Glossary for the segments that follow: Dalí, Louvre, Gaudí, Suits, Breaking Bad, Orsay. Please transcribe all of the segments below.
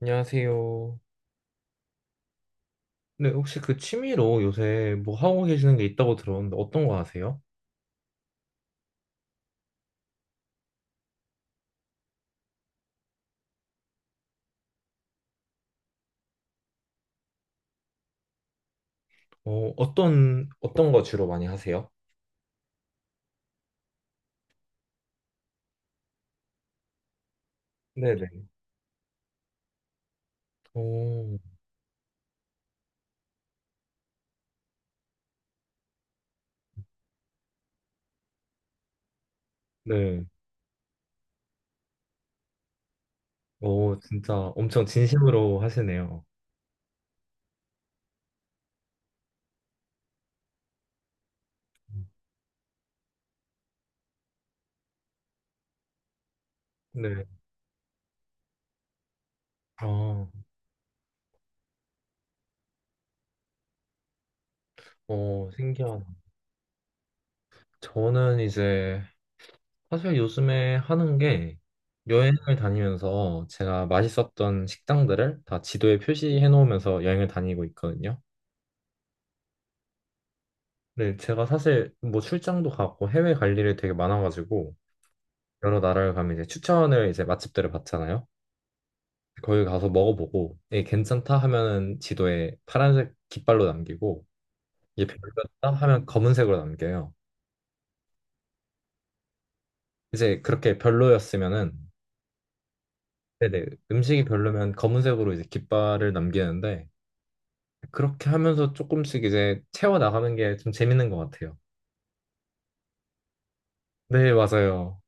안녕하세요. 네, 혹시 그 취미로 요새 뭐 하고 계시는 게 있다고 들었는데 어떤 거 하세요? 어, 어떤 거 주로 많이 하세요? 네네. 오, 네. 오, 진짜 엄청 진심으로 하시네요. 네. 아, 어, 신기하다. 저는 이제 사실 요즘에 하는 게 여행을 다니면서 제가 맛있었던 식당들을 다 지도에 표시해 놓으면서 여행을 다니고 있거든요. 네, 제가 사실 뭐 출장도 가고 해외 갈 일이 되게 많아가지고 여러 나라를 가면 이제 추천을 이제 맛집들을 받잖아요. 거기 가서 먹어보고 예, 괜찮다 하면은 지도에 파란색 깃발로 남기고 이게 별로였다 하면 검은색으로 남겨요. 이제 그렇게 별로였으면은 네네 음식이 별로면 검은색으로 이제 깃발을 남기는데 그렇게 하면서 조금씩 이제 채워 나가는 게 좀 재밌는 것 같아요. 네, 맞아요.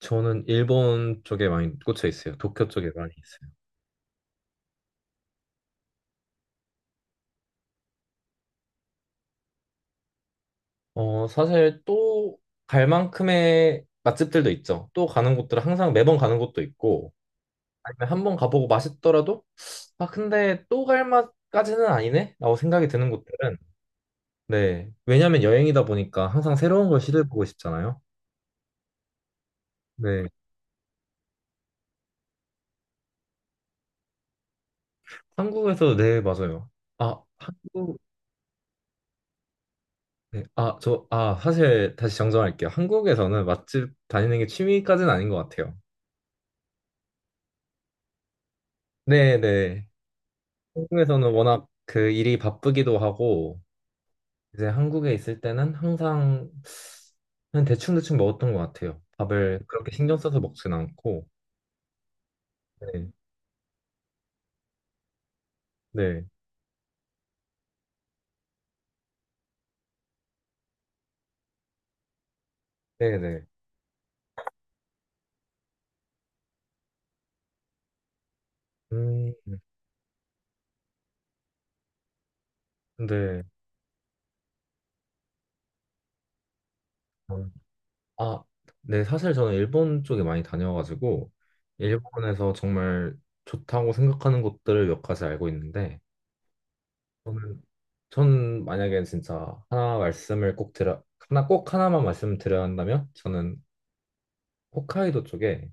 저는 일본 쪽에 많이 꽂혀 있어요. 도쿄 쪽에 많이 있어요. 어, 사실 또 갈 만큼의 맛집들도 있죠. 또 가는 곳들은 항상 매번 가는 곳도 있고, 아니면 한번 가보고 맛있더라도, 아, 근데 또 갈 맛까지는 아니네? 라고 생각이 드는 곳들은, 네. 왜냐면 여행이다 보니까 항상 새로운 걸 시도해보고 싶잖아요. 네. 한국에서, 네, 맞아요. 아, 한국, 네. 아, 저, 아, 사실 다시 정정할게요. 한국에서는 맛집 다니는 게 취미까지는 아닌 것 같아요. 네, 네. 한국에서는 워낙 그 일이 바쁘기도 하고, 이제 한국에 있을 때는 항상 그냥 대충대충 먹었던 것 같아요. 밥을 그렇게 신경 써서 먹진 않고. 네, 네, 네, 네. 음, 근데 음, 아, 네, 사실 저는 일본 쪽에 많이 다녀가지고 일본에서 정말 좋다고 생각하는 곳들을 몇 가지 알고 있는데 저는 전 만약에 진짜 하나 말씀을 꼭 드려 하나 꼭 하나만 말씀을 드려야 한다면 저는 홋카이도 쪽에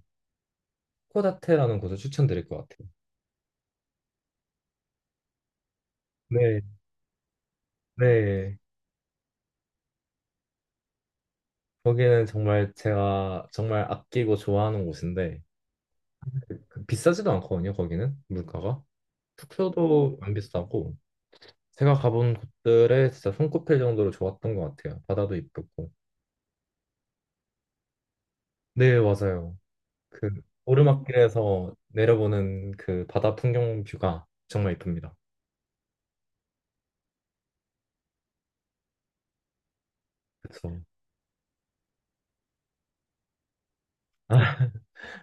코다테라는 곳을 추천드릴 것 같아요. 네, 네. 거기는 정말 제가 정말 아끼고 좋아하는 곳인데 그 비싸지도 않거든요. 거기는 물가가 숙소도 안 비싸고 제가 가본 곳들에 진짜 손꼽힐 정도로 좋았던 것 같아요. 바다도 이쁘고 네 맞아요. 그 오르막길에서 내려보는 그 바다 풍경 뷰가 정말 이쁩니다. 그렇죠.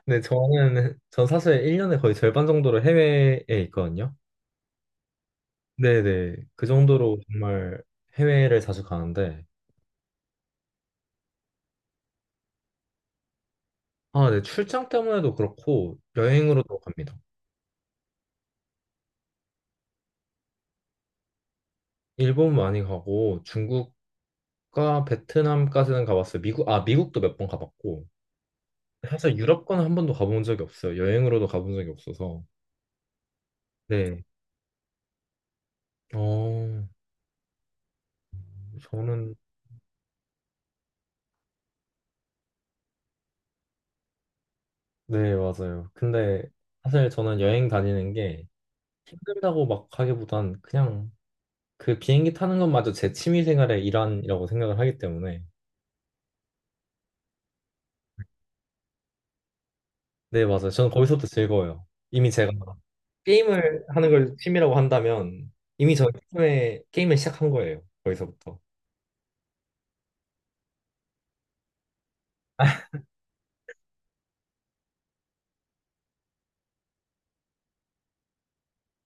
데 저는 전 사실 1년에 거의 절반 정도를 해외에 있거든요. 네네 그 정도로 정말 해외를 자주 가는데 아, 네. 출장 때문에도 그렇고 여행으로도 갑니다. 일본 많이 가고 중국과 베트남까지는 가봤어요. 미국, 아, 미국도 몇 번 가봤고. 사실 유럽권은 한 번도 가본 적이 없어요. 여행으로도 가본 적이 없어서. 네. 어, 저는, 네, 맞아요. 근데 사실 저는 여행 다니는 게 힘들다고 막 하기보단 그냥 그 비행기 타는 것마저 제 취미 생활의 일환이라고 생각을 하기 때문에. 네, 맞아요. 저는 거기서부터 즐거워요. 이미 제가 게임을 하는 걸 취미라고 한다면 이미 저 게임에 게임을 시작한 거예요. 거기서부터.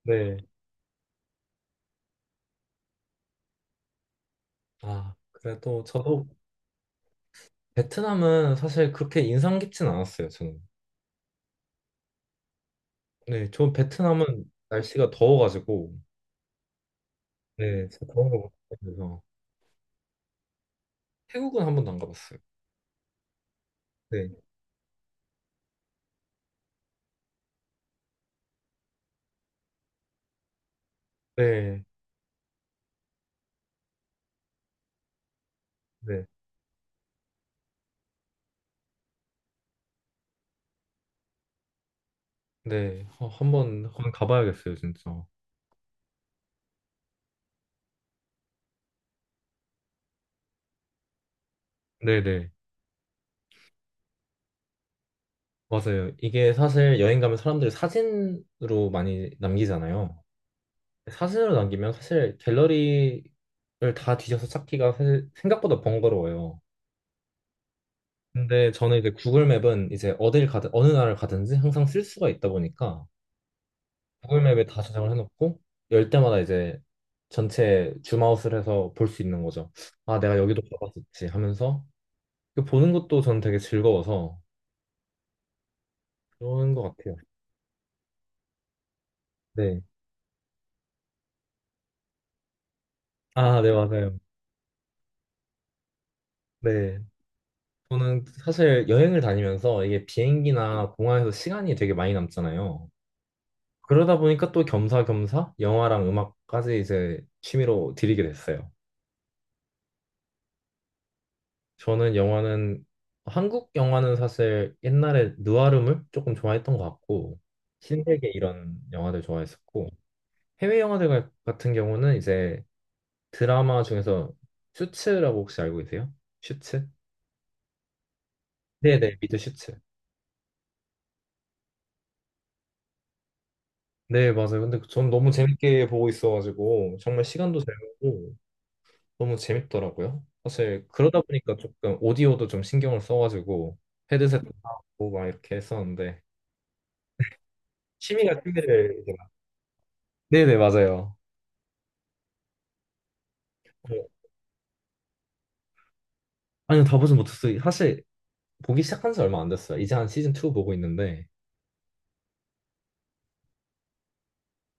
네. 아, 그래도 저도 베트남은 사실 그렇게 인상 깊진 않았어요, 저는. 네, 저 베트남은 날씨가 더워가지고 네, 진짜 더운 거 못해서 태국은 한 번도 안 가봤어요. 네. 네. 네. 네. 어, 한번 가봐야겠어요, 진짜. 네, 네. 맞아요. 이게 사실 여행 가면 사람들이 사진으로 많이 남기잖아요. 사진으로 남기면 사실 갤러리를 다 뒤져서 찾기가 사실 생각보다 번거로워요. 근데 저는 이제 구글 맵은 이제 어딜 가든 어느 나라를 가든지 항상 쓸 수가 있다 보니까 구글 맵에 다 저장을 해놓고 열 때마다 이제 전체 줌아웃을 해서 볼 수 있는 거죠. 아, 내가 여기도 가봤었지 하면서 그 보는 것도 저는 되게 즐거워서 그런 것 같아요. 네. 아, 네, 맞아요. 네. 저는 사실 여행을 다니면서 이게 비행기나 공항에서 시간이 되게 많이 남잖아요. 그러다 보니까 또 겸사겸사 영화랑 음악까지 이제 취미로 들이게 됐어요. 저는 영화는 한국 영화는 사실 옛날에 느와르물 조금 좋아했던 것 같고 신세계 이런 영화들 좋아했었고 해외 영화들 가- 같은 경우는 이제 드라마 중에서 슈츠라고 혹시 알고 계세요? 슈츠? 네네 미드 슈츠. 네 맞아요. 근데 전 너무 재밌게 보고 있어가지고 정말 시간도 잘 가고 너무 재밌더라고요. 사실 그러다 보니까 조금 오디오도 좀 신경을 써가지고 헤드셋도 사고 막 이렇게 했었는데 취미가 취미를 이제 막- 네네 맞아요. 어, 아니요 다 보진 못했어요. 사실 보기 시작한 지 얼마 안 됐어요. 이제 한 시즌 2 보고 있는데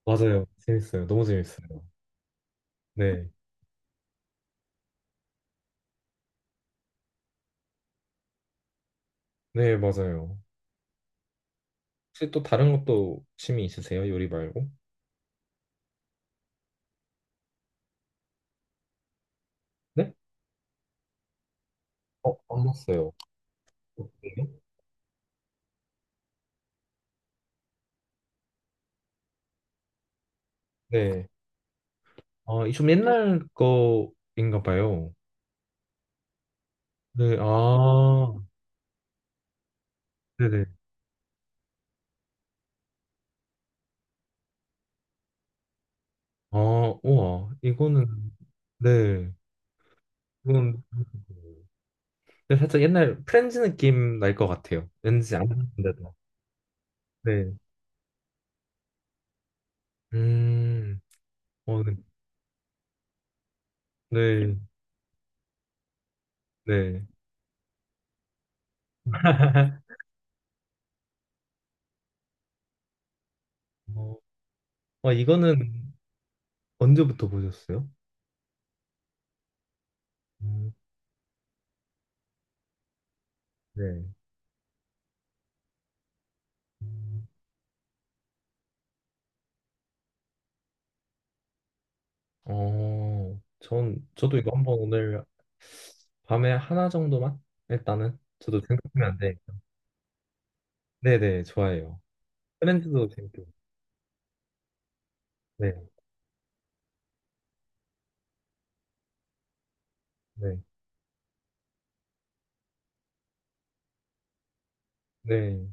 맞아요. 재밌어요. 너무 재밌어요. 네. 네 맞아요. 혹시 또 다른 것도 취미 있으세요? 요리 말고? 네? 어, 안 봤어요. 네. 네. 아, 좀 옛날 거인가 봐요. 네. 아. 네네. 아, 우와. 이거는, 네. 이건, 근데 살짝 옛날 프렌즈 느낌 날 것 같아요. 왠지 안 봤는데도. 네. 음, 어, 네. 네. 네. 어, 이거는 언제부터 보셨어요? 음, 네. 어, 전, 저도 이거 한번 오늘 밤에 하나 정도만? 일단은. 저도 생각하면 안 되니까. 네네, 좋아요. 프렌즈도 재밌게. 봤어요. 네, 네, 네,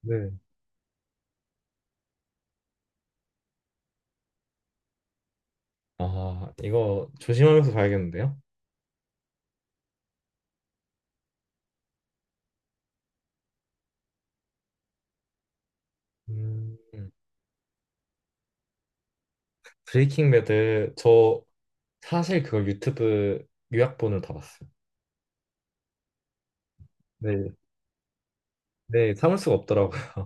네. 아, 이거 조심하면서 봐야겠는데요? 음, 브레이킹 배드 저 사실 그걸 유튜브 요약본을 다 봤어요. 네, 네, 참을 수가 없더라고요.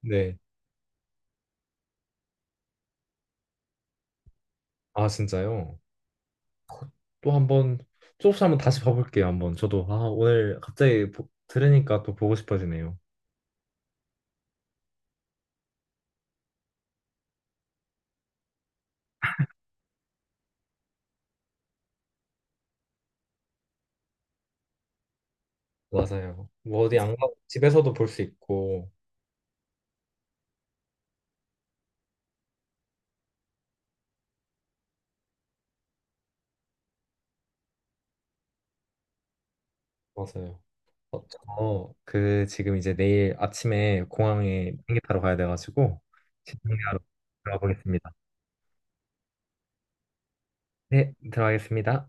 네, 아 진짜요? 또 한번 조금씩 한번 다시 봐볼게요. 한번 저도 아 오늘 갑자기 보- 들으니까 또 보고 싶어지네요. 맞아요. 뭐 어디 안 가고 집에서도 볼 수 있고 맞아요. 어, 저그 지금 이제 내일 아침에 공항에 비행기 타러 가야 돼가지고 집중하러 들어가 보겠습니다. 네, 들어가겠습니다.